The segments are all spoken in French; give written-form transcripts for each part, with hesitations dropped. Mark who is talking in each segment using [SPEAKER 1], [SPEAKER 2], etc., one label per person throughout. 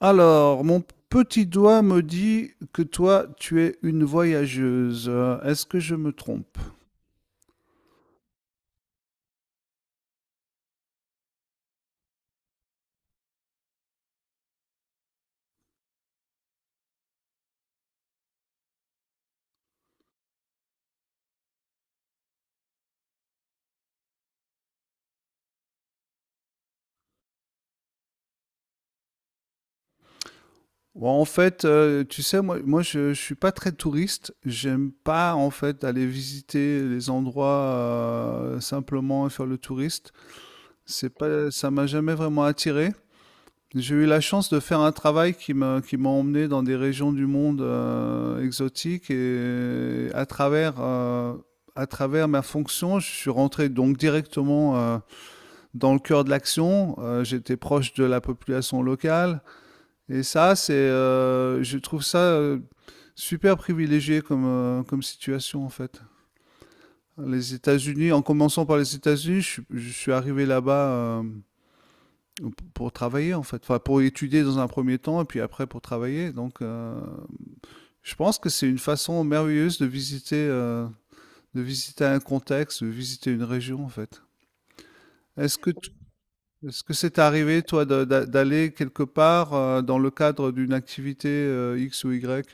[SPEAKER 1] Alors, mon petit doigt me dit que toi, tu es une voyageuse. Est-ce que je me trompe? Ouais, en fait, tu sais, moi, je suis pas très touriste. J'aime pas, en fait, aller visiter les endroits simplement et faire le touriste. C'est pas, ça m'a jamais vraiment attiré. J'ai eu la chance de faire un travail qui m'a emmené dans des régions du monde exotiques et à travers ma fonction. Je suis rentré donc directement dans le cœur de l'action. J'étais proche de la population locale, et ça, c'est je trouve ça super privilégié comme comme situation en fait. En commençant par les États-Unis, je suis arrivé là-bas euh, pour travailler en fait, enfin pour étudier dans un premier temps et puis après pour travailler. Donc, je pense que c'est une façon merveilleuse de visiter un contexte, de visiter une région en fait. Est-ce que tu- Est-ce que c'est arrivé toi d'aller quelque part dans le cadre d'une activité X ou Y?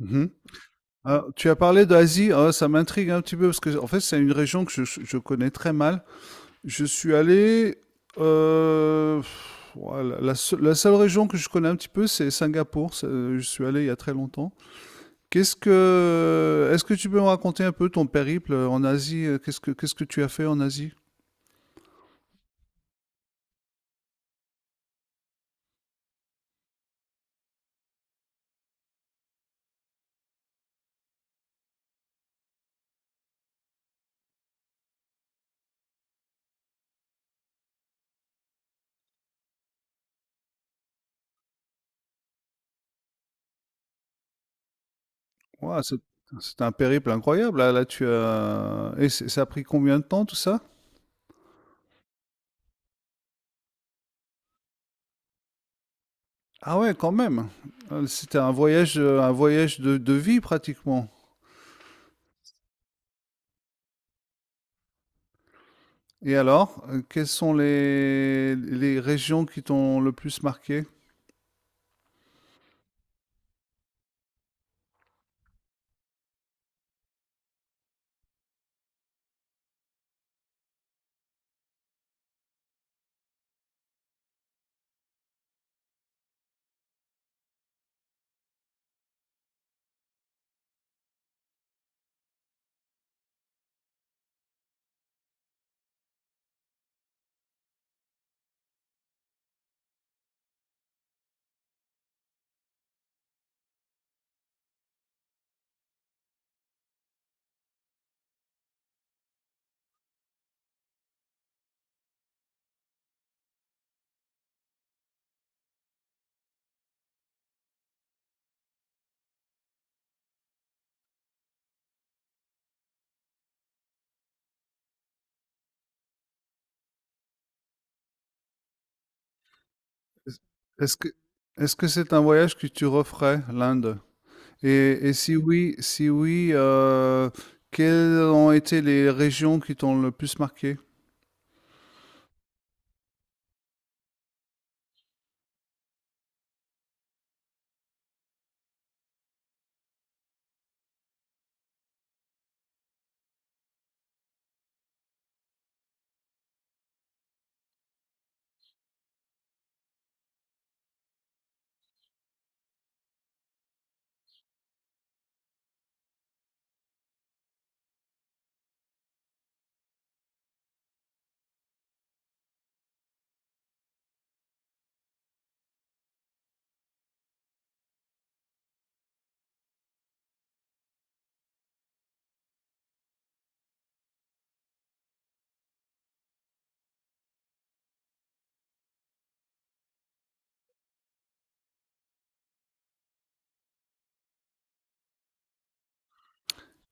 [SPEAKER 1] Mhm. Ah, tu as parlé d'Asie, ah, ça m'intrigue un petit peu parce que en fait c'est une région que je connais très mal. Je suis allé ouais, la seule région que je connais un petit peu, c'est Singapour. Je suis allé il y a très longtemps. Est-ce que tu peux me raconter un peu ton périple en Asie? Qu'est-ce que tu as fait en Asie? Ouais, c'est un périple incroyable. Tu as. Et ça a pris combien de temps tout ça? Ah ouais, quand même. C'était un voyage de vie pratiquement. Et alors, quelles sont les régions qui t'ont le plus marqué? Est-ce est-ce que est-ce que c'est un voyage que tu referais, l'Inde? Et si oui, si oui, quelles ont été les régions qui t'ont le plus marqué?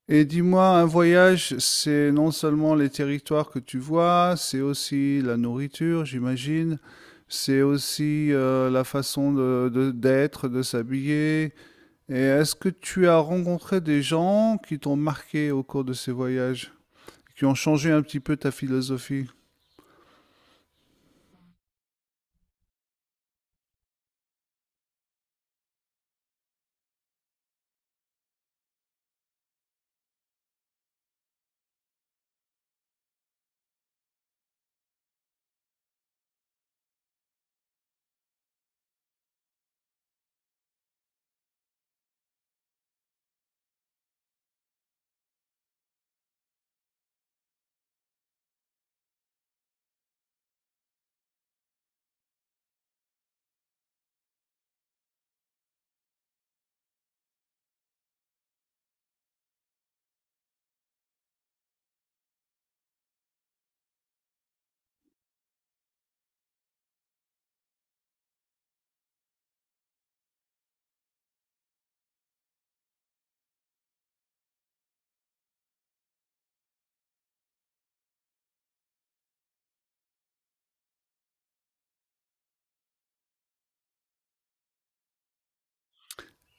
[SPEAKER 1] Et dis-moi, un voyage, c'est non seulement les territoires que tu vois, c'est aussi la nourriture, j'imagine, c'est aussi la façon d'être, de s'habiller. Et est-ce que tu as rencontré des gens qui t'ont marqué au cours de ces voyages, qui ont changé un petit peu ta philosophie?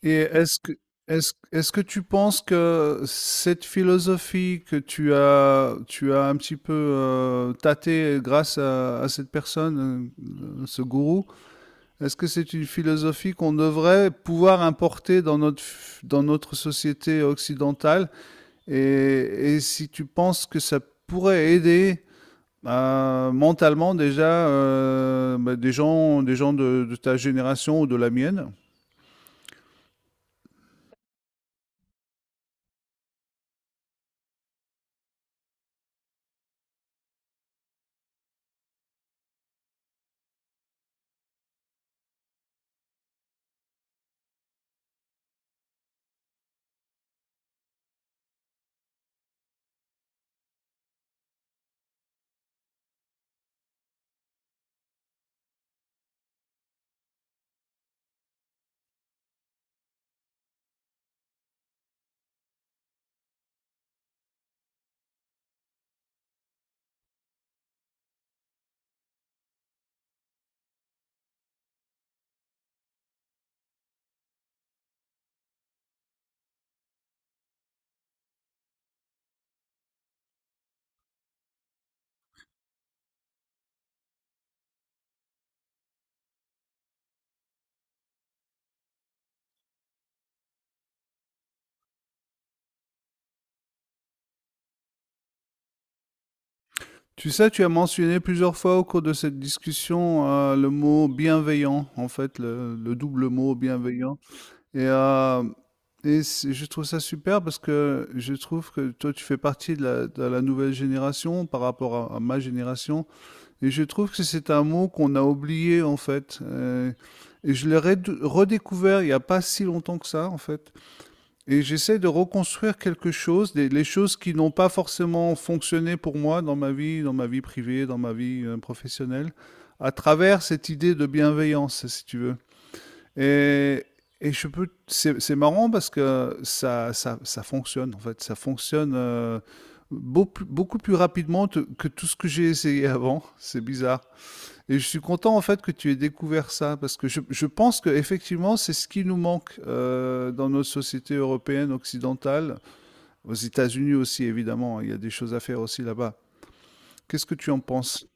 [SPEAKER 1] Et est-ce que, est-ce que tu penses que cette philosophie que tu as un petit peu tâtée grâce à cette personne, ce gourou, est-ce que c'est une philosophie qu'on devrait pouvoir importer dans dans notre société occidentale? Et si tu penses que ça pourrait aider mentalement déjà bah, des gens de ta génération ou de la mienne? Tu sais, tu as mentionné plusieurs fois au cours de cette discussion le mot bienveillant, en fait, le double mot bienveillant. Et, euh, et je trouve ça super parce que je trouve que toi, tu fais partie de de la nouvelle génération par rapport à ma génération. Et je trouve que c'est un mot qu'on a oublié, en fait. Et je l'ai redécouvert il n'y a pas si longtemps que ça, en fait. Et j'essaie de reconstruire quelque chose, les choses qui n'ont pas forcément fonctionné pour moi dans ma vie privée, dans ma vie professionnelle, à travers cette idée de bienveillance, si tu veux. Et, et je peux, c'est marrant parce que ça fonctionne, en fait. Ça fonctionne beaucoup plus rapidement que tout ce que j'ai essayé avant. C'est bizarre. Et je suis content en fait que tu aies découvert ça parce que je pense que effectivement c'est ce qui nous manque dans notre société européenne occidentale, aux États-Unis aussi évidemment, hein, il y a des choses à faire aussi là-bas. Qu'est-ce que tu en penses?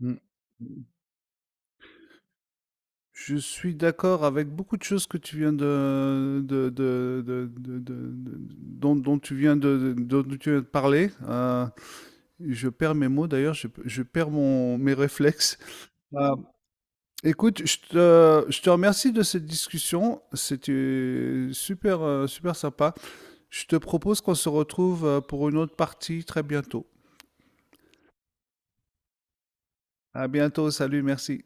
[SPEAKER 1] Mm. Je suis d'accord avec beaucoup de choses que tu viens de- dont, dont tu viens dont tu viens de parler. Je perds mes mots d'ailleurs, je perds mes réflexes. Écoute, je te remercie de cette discussion. C'était super, super sympa. Je te propose qu'on se retrouve pour une autre partie très bientôt. À bientôt. Salut, merci.